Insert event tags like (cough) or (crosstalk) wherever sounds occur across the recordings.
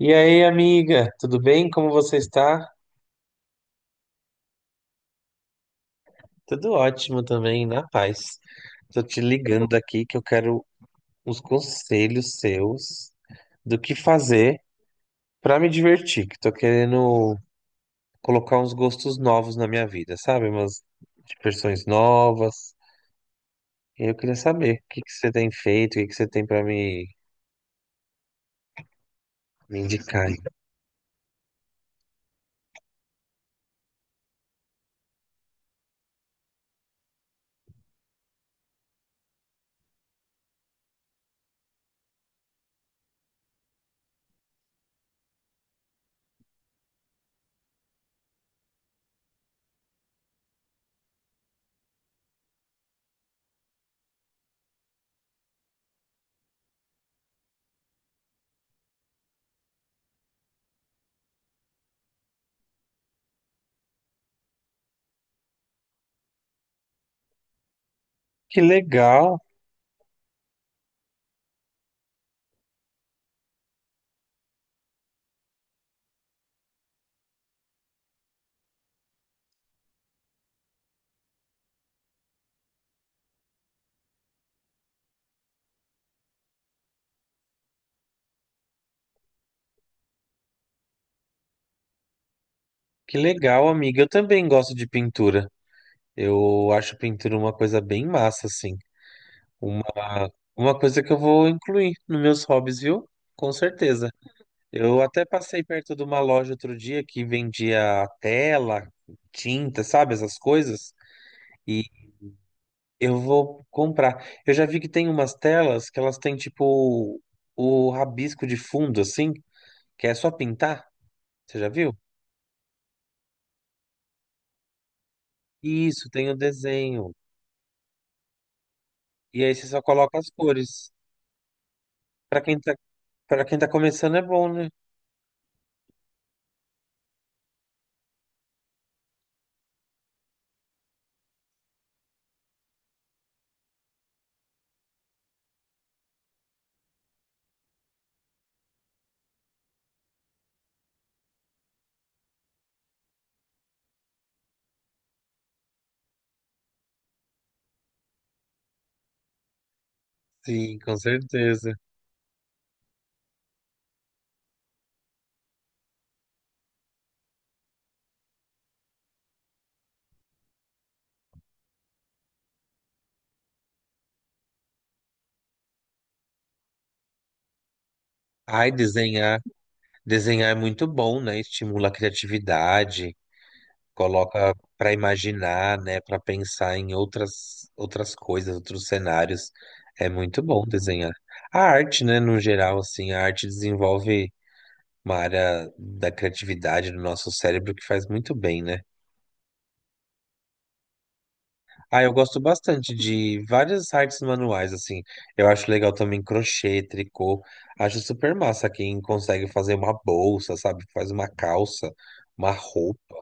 E aí, amiga, tudo bem? Como você está? Tudo ótimo também, na paz. Tô te ligando aqui que eu quero uns conselhos seus do que fazer pra me divertir, que tô querendo colocar uns gostos novos na minha vida, sabe? Umas diversões novas. E eu queria saber o que que você tem feito, o que que você tem pra me, me indicar. Aí. Que legal, que legal, amiga. Eu também gosto de pintura. Eu acho pintura uma coisa bem massa, assim. Uma, uma coisa que eu vou incluir nos meus hobbies, viu? Com certeza. Eu até passei perto de uma loja outro dia que vendia tela, tinta, sabe? Essas coisas. E eu vou comprar. Eu já vi que tem umas telas que elas têm tipo o rabisco de fundo, assim, que é só pintar. Você já viu? Isso, tem o desenho. E aí você só coloca as cores. Pra quem tá, para quem tá começando é bom, né? Sim, com certeza. Ai, desenhar. Desenhar é muito bom, né? Estimula a criatividade, coloca para imaginar, né? Para pensar em outras coisas, outros cenários. É muito bom desenhar. A arte, né? No geral, assim, a arte desenvolve uma área da criatividade do nosso cérebro que faz muito bem, né? Ah, eu gosto bastante de várias artes manuais, assim. Eu acho legal também crochê, tricô. Acho super massa quem consegue fazer uma bolsa, sabe? Faz uma calça, uma roupa.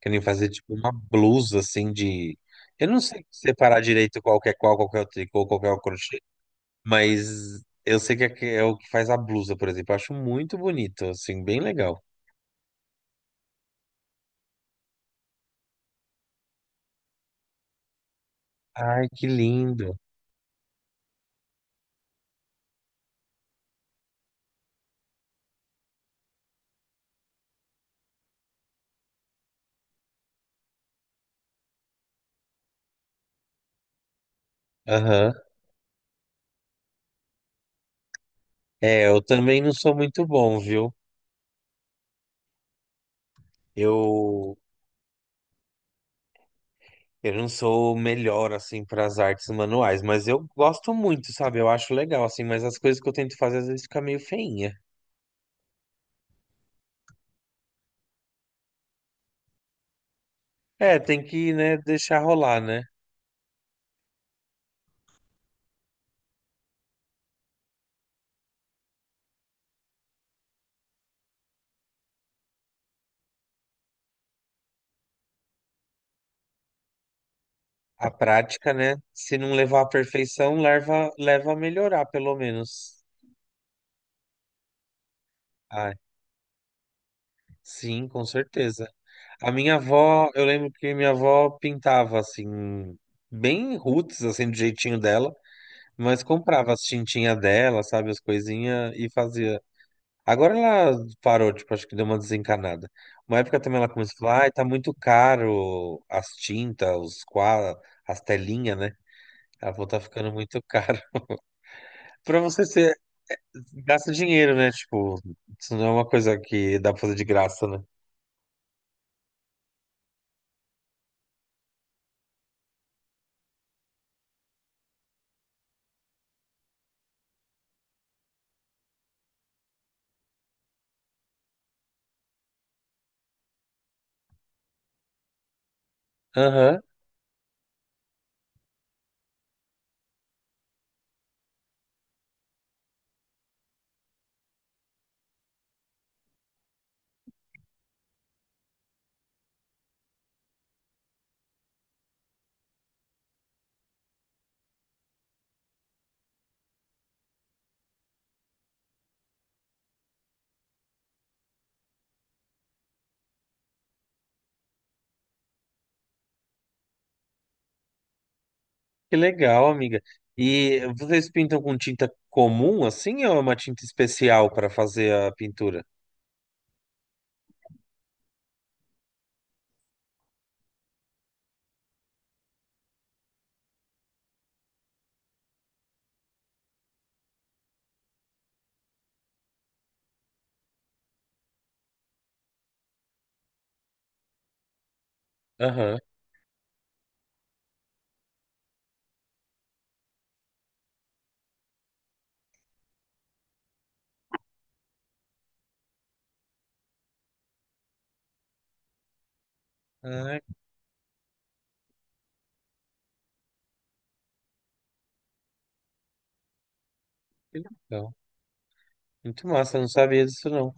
Querem fazer tipo uma blusa assim de. Eu não sei separar direito qual que é qual, qual que é o tricô, qual que é o crochê, mas eu sei que é o que faz a blusa, por exemplo. Eu acho muito bonito, assim, bem legal. Ai, que lindo. Aham. É, eu também não sou muito bom, viu? Eu, eu não sou o melhor, assim, para as artes manuais, mas eu gosto muito, sabe? Eu acho legal, assim, mas as coisas que eu tento fazer às vezes fica meio feinha. É, tem que, né, deixar rolar, né? A prática, né? Se não levar à perfeição, leva, leva a melhorar, pelo menos. Ah, sim, com certeza. A minha avó, eu lembro que minha avó pintava assim, bem roots, assim, do jeitinho dela, mas comprava as tintinhas dela, sabe, as coisinhas e fazia. Agora ela parou, tipo, acho que deu uma desencanada. Uma época também ela começou a falar, ai, tá muito caro as tintas, os quadros, as telinhas, né? Ela falou, tá ficando muito caro. (laughs) Pra você ser gasta dinheiro, né? Tipo, isso não é uma coisa que dá pra fazer de graça, né? Aham, que legal, amiga. E vocês pintam com tinta comum assim ou é uma tinta especial para fazer a pintura? Aham. Ah, que legal. Muito massa, eu não sabia disso não.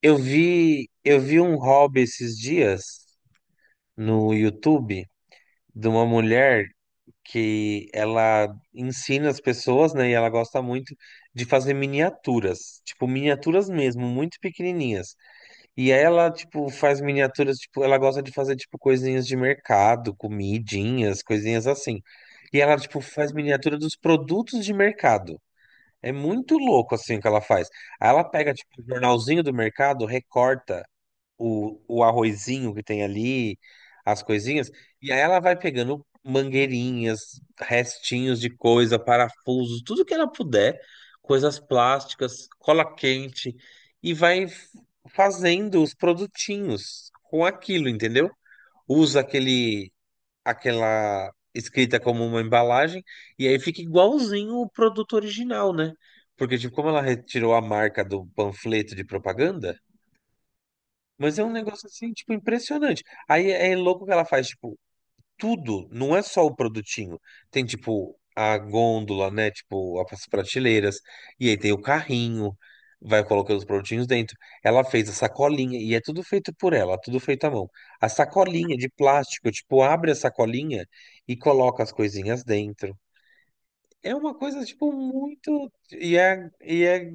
Eu vi um hobby esses dias no YouTube de uma mulher que ela ensina as pessoas, né? E ela gosta muito de fazer miniaturas, tipo miniaturas mesmo, muito pequenininhas. E ela, tipo, faz miniaturas, tipo, ela gosta de fazer, tipo, coisinhas de mercado, comidinhas, coisinhas assim. E ela, tipo, faz miniatura dos produtos de mercado. É muito louco, assim, o que ela faz. Aí ela pega, tipo, o jornalzinho do mercado, recorta o arrozinho que tem ali, as coisinhas, e aí ela vai pegando mangueirinhas, restinhos de coisa, parafusos, tudo que ela puder, coisas plásticas, cola quente, e fazendo os produtinhos com aquilo, entendeu? Usa aquele, aquela escrita como uma embalagem, e aí fica igualzinho o produto original, né? Porque, tipo, como ela retirou a marca do panfleto de propaganda, mas é um negócio assim, tipo, impressionante. Aí é louco que ela faz, tipo, tudo, não é só o produtinho. Tem, tipo, a gôndola, né? Tipo, as prateleiras. E aí tem o carrinho, vai colocando os produtinhos dentro. Ela fez a sacolinha, e é tudo feito por ela, tudo feito à mão. A sacolinha de plástico, tipo, abre a sacolinha e coloca as coisinhas dentro. É uma coisa, tipo, muito. E é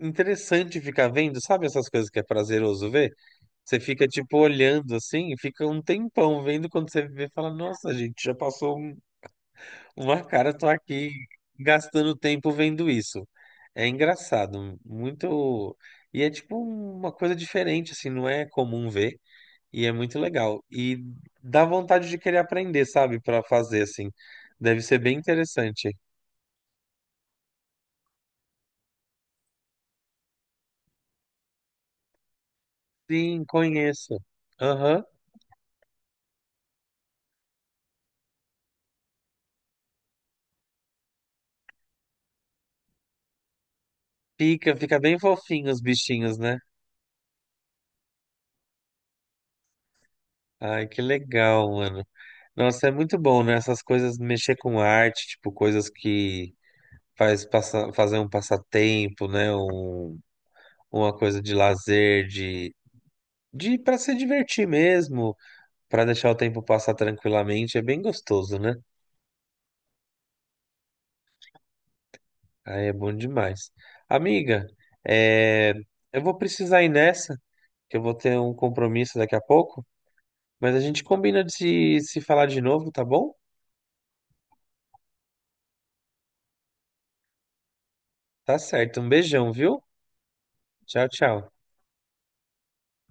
interessante ficar vendo, sabe essas coisas que é prazeroso ver? Você fica tipo olhando assim, fica um tempão vendo quando você vê, fala, nossa, gente, já passou um- uma cara, tô aqui gastando tempo vendo isso. É engraçado, muito. E é tipo uma coisa diferente, assim, não é comum ver, e é muito legal. E dá vontade de querer aprender, sabe, pra fazer assim. Deve ser bem interessante. Sim, conheço. Aham. Fica, fica bem fofinho os bichinhos, né? Ai, que legal, mano. Nossa, é muito bom, né? Essas coisas, mexer com arte, tipo, coisas que faz passa, fazer um passatempo, né? Um, uma coisa de lazer, de para se divertir mesmo, para deixar o tempo passar tranquilamente, é bem gostoso, né? Aí é bom demais. Amiga, é, eu vou precisar ir nessa, que eu vou ter um compromisso daqui a pouco, mas a gente combina de se falar de novo, tá bom? Tá certo. Um beijão, viu? Tchau, tchau.